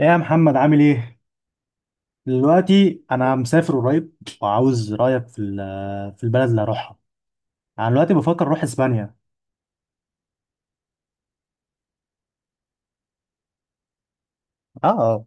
ايه يا محمد عامل ايه؟ دلوقتي انا مسافر قريب وعاوز رايك في في البلد اللي هروحها. انا دلوقتي بفكر اروح اسبانيا. اه اه.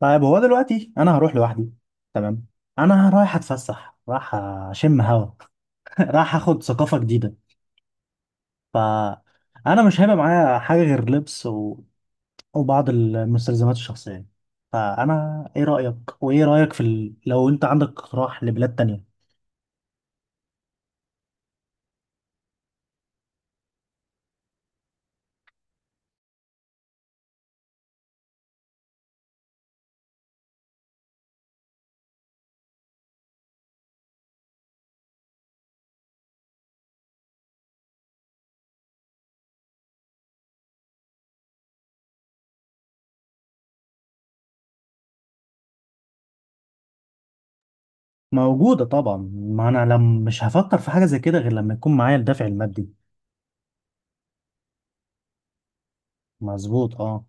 طيب هو دلوقتي انا هروح لوحدي. تمام. انا رايح اتفسح، رايح اشم هوا. رايح اخد ثقافة جديدة. فانا مش هيبقى معايا حاجة غير لبس وبعض المستلزمات الشخصية. فانا ايه رايك في لو انت عندك اقتراح لبلاد تانية. موجودة طبعا، ما أنا لم مش هفكر في حاجة زي كده غير لما يكون معايا الدافع المادي. مظبوط اه.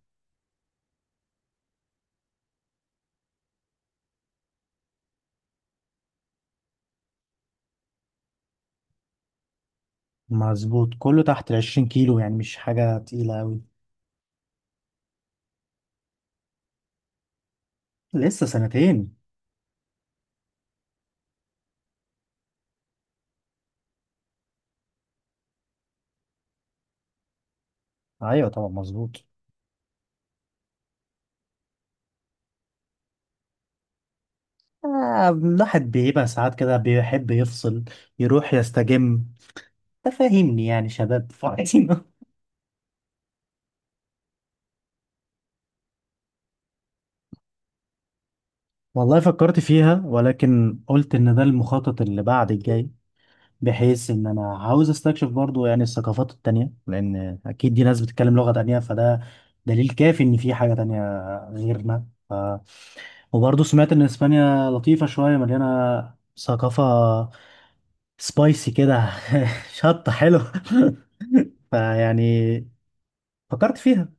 مظبوط، كله تحت 20 كيلو، يعني مش حاجة تقيلة أوي. لسه سنتين. أيوة طبعا، مظبوط. الواحد بيبقى ساعات كده بيحب يفصل، يروح يستجم. تفهمني، يعني شباب فاضيين. والله فكرت فيها، ولكن قلت إن ده المخطط اللي بعد الجاي. بحيث ان انا عاوز استكشف برضو يعني الثقافات التانية، لان اكيد دي ناس بتتكلم لغة تانية، فده دليل كافي ان في حاجة تانية غيرنا وبرضو سمعت ان اسبانيا لطيفة، شوية مليانة ثقافة، سبايسي كده. شطة، حلو. فيعني فكرت فيها.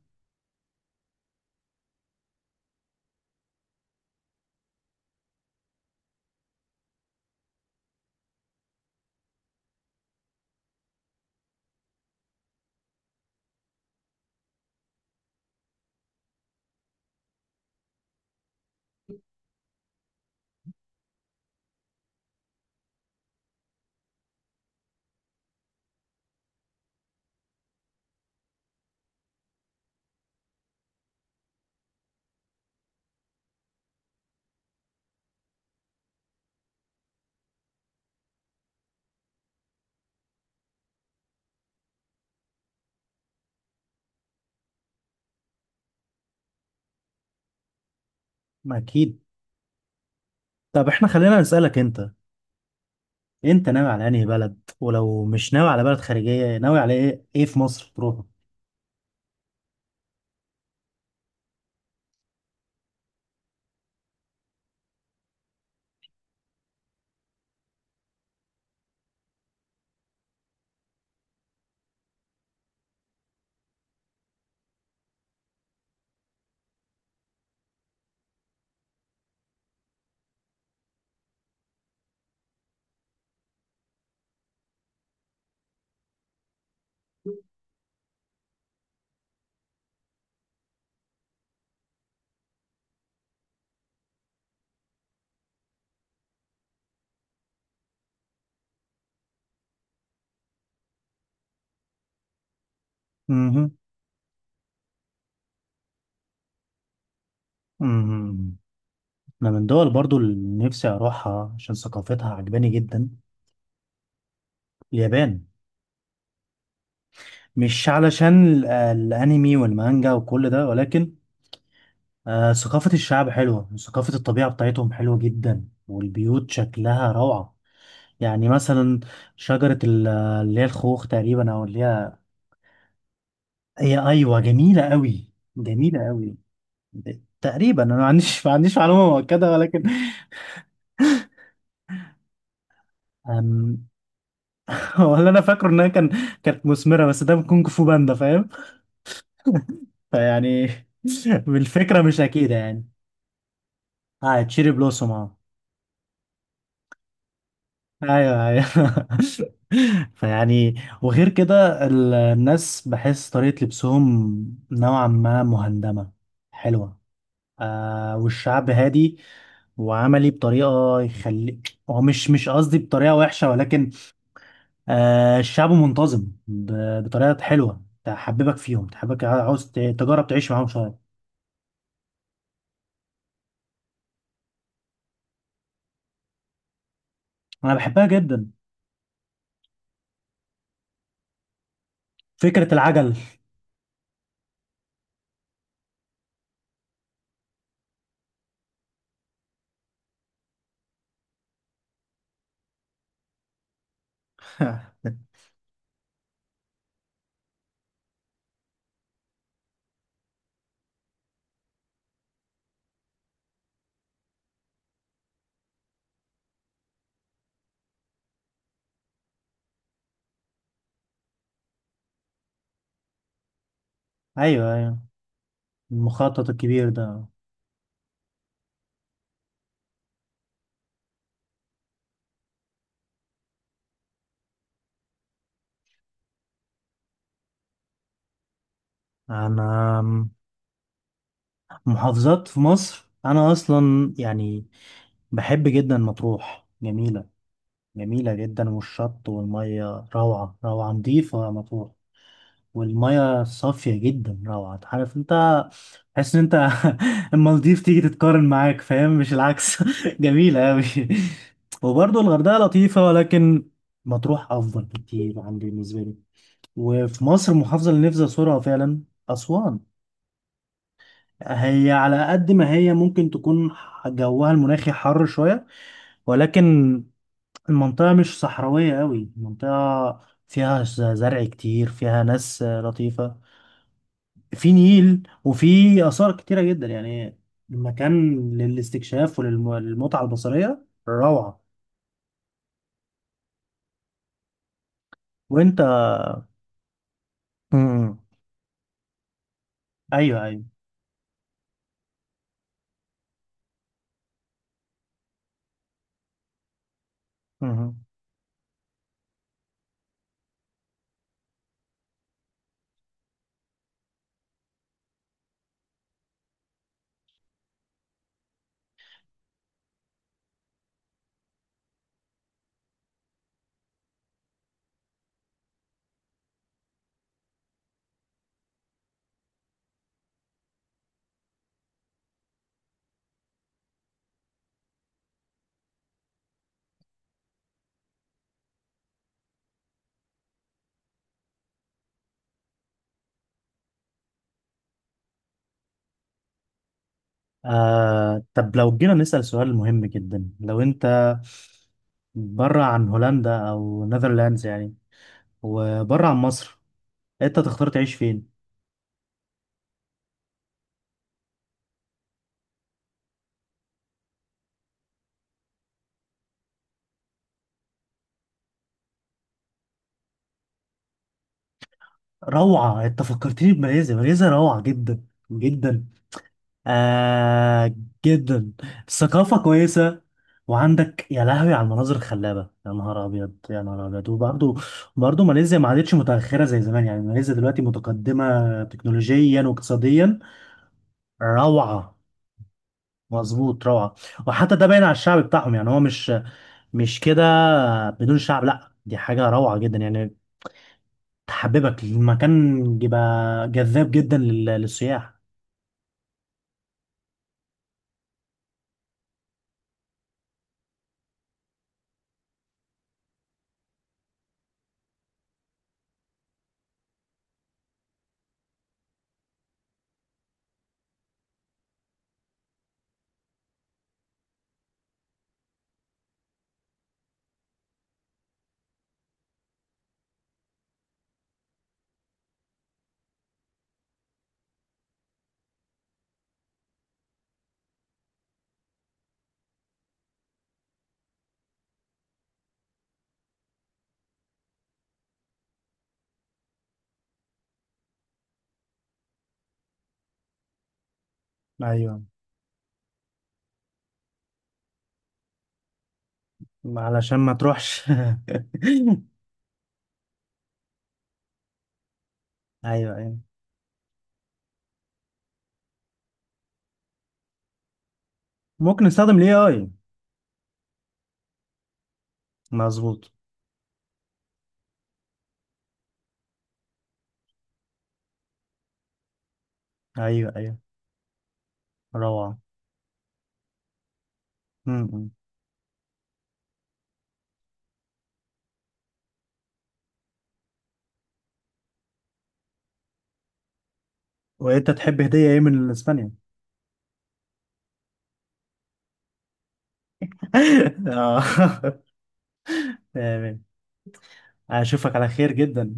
ما اكيد. طب احنا خلينا نسألك انت. انت ناوي على انهي بلد؟ ولو مش ناوي على بلد خارجية، ناوي على ايه؟ ايه في مصر تروحه؟ مهم. مهم. أنا من دول برضو اللي نفسي أروحها عشان ثقافتها عجباني جدا، اليابان. مش علشان الأنمي والمانجا وكل ده، ولكن ثقافة الشعب حلوة، وثقافة الطبيعة بتاعتهم حلوة جدا، والبيوت شكلها روعة. يعني مثلا شجرة اللي هي الخوخ تقريبا، أو اللي هي... هي أيوة، جميلة قوي جميلة قوي. تقريبا أنا ما عنديش معلومة مؤكدة ولكن... أم، ولا أنا فاكره إنها كانت مثمرة، بس ده من كونج فو باندا، فاهم. فيعني بالفكرة مش أكيدة يعني. اه، تشيري بلوسوم، اه. ايوه ايوه. فيعني. وغير كده الناس، بحس طريقة لبسهم نوعا ما مهندمة، حلوة. والشعب هادي وعملي بطريقة يخلي... هو مش قصدي بطريقة وحشة، ولكن الشعب منتظم بطريقة حلوة تحببك فيهم، تحبك عاوز تجرب تعيش معاهم شوية. أنا بحبها جدا. فكرة العجل. ايوه ايوه. المخطط الكبير ده. انا محافظات في مصر انا اصلا يعني بحب جدا مطروح. جميله، جميله جدا، والشط والميه روعه روعه، نظيفه مطروح، والميه صافيه جدا، روعه. عارف انت، تحس ان انت المالديف تيجي تتقارن معاك، فاهم؟ مش العكس. جميله قوي. وبرضه الغردقه لطيفه، ولكن مطروح افضل بكتير عندي بالنسبه لي. وفي مصر المحافظه اللي نفسي ازورها فعلا، اسوان. هي على قد ما هي ممكن تكون جوها المناخي حر شوية، ولكن المنطقة مش صحراوية قوي. المنطقة فيها زرع كتير، فيها ناس لطيفة. في نيل، وفي آثار كتيرة جدا يعني. المكان للاستكشاف وللمتعة البصرية روعة. وانت. امم. ايوه ايوه. امم طب لو جينا نسأل سؤال مهم جدا، لو انت بره عن هولندا او نذرلاندز يعني، وبره عن مصر، انت تختار تعيش فين؟ روعة، انت فكرتني بماليزيا. ماليزيا روعة جدا جدا. آه جدا. الثقافة كويسة. وعندك يا لهوي على المناظر الخلابة، يا نهار أبيض يا نهار أبيض، وبرضه... برضه ماليزيا ما عادتش متأخرة زي زمان، يعني ماليزيا دلوقتي متقدمة تكنولوجيا واقتصاديا. روعة. مظبوط، روعة. وحتى ده باين على الشعب بتاعهم، يعني هو مش كده بدون شعب. لا، دي حاجة روعة جدا يعني. تحببك المكان، بيبقى جذاب جدا للسياح. ايوه. علشان ما تروحش. ايوه ايوه، ممكن نستخدم الAI. مظبوط. ايوه ايوه، روعه. م-م. وانت تحب هديه ايه من اسبانيا؟ اه، تمام. اشوفك على خير جدا.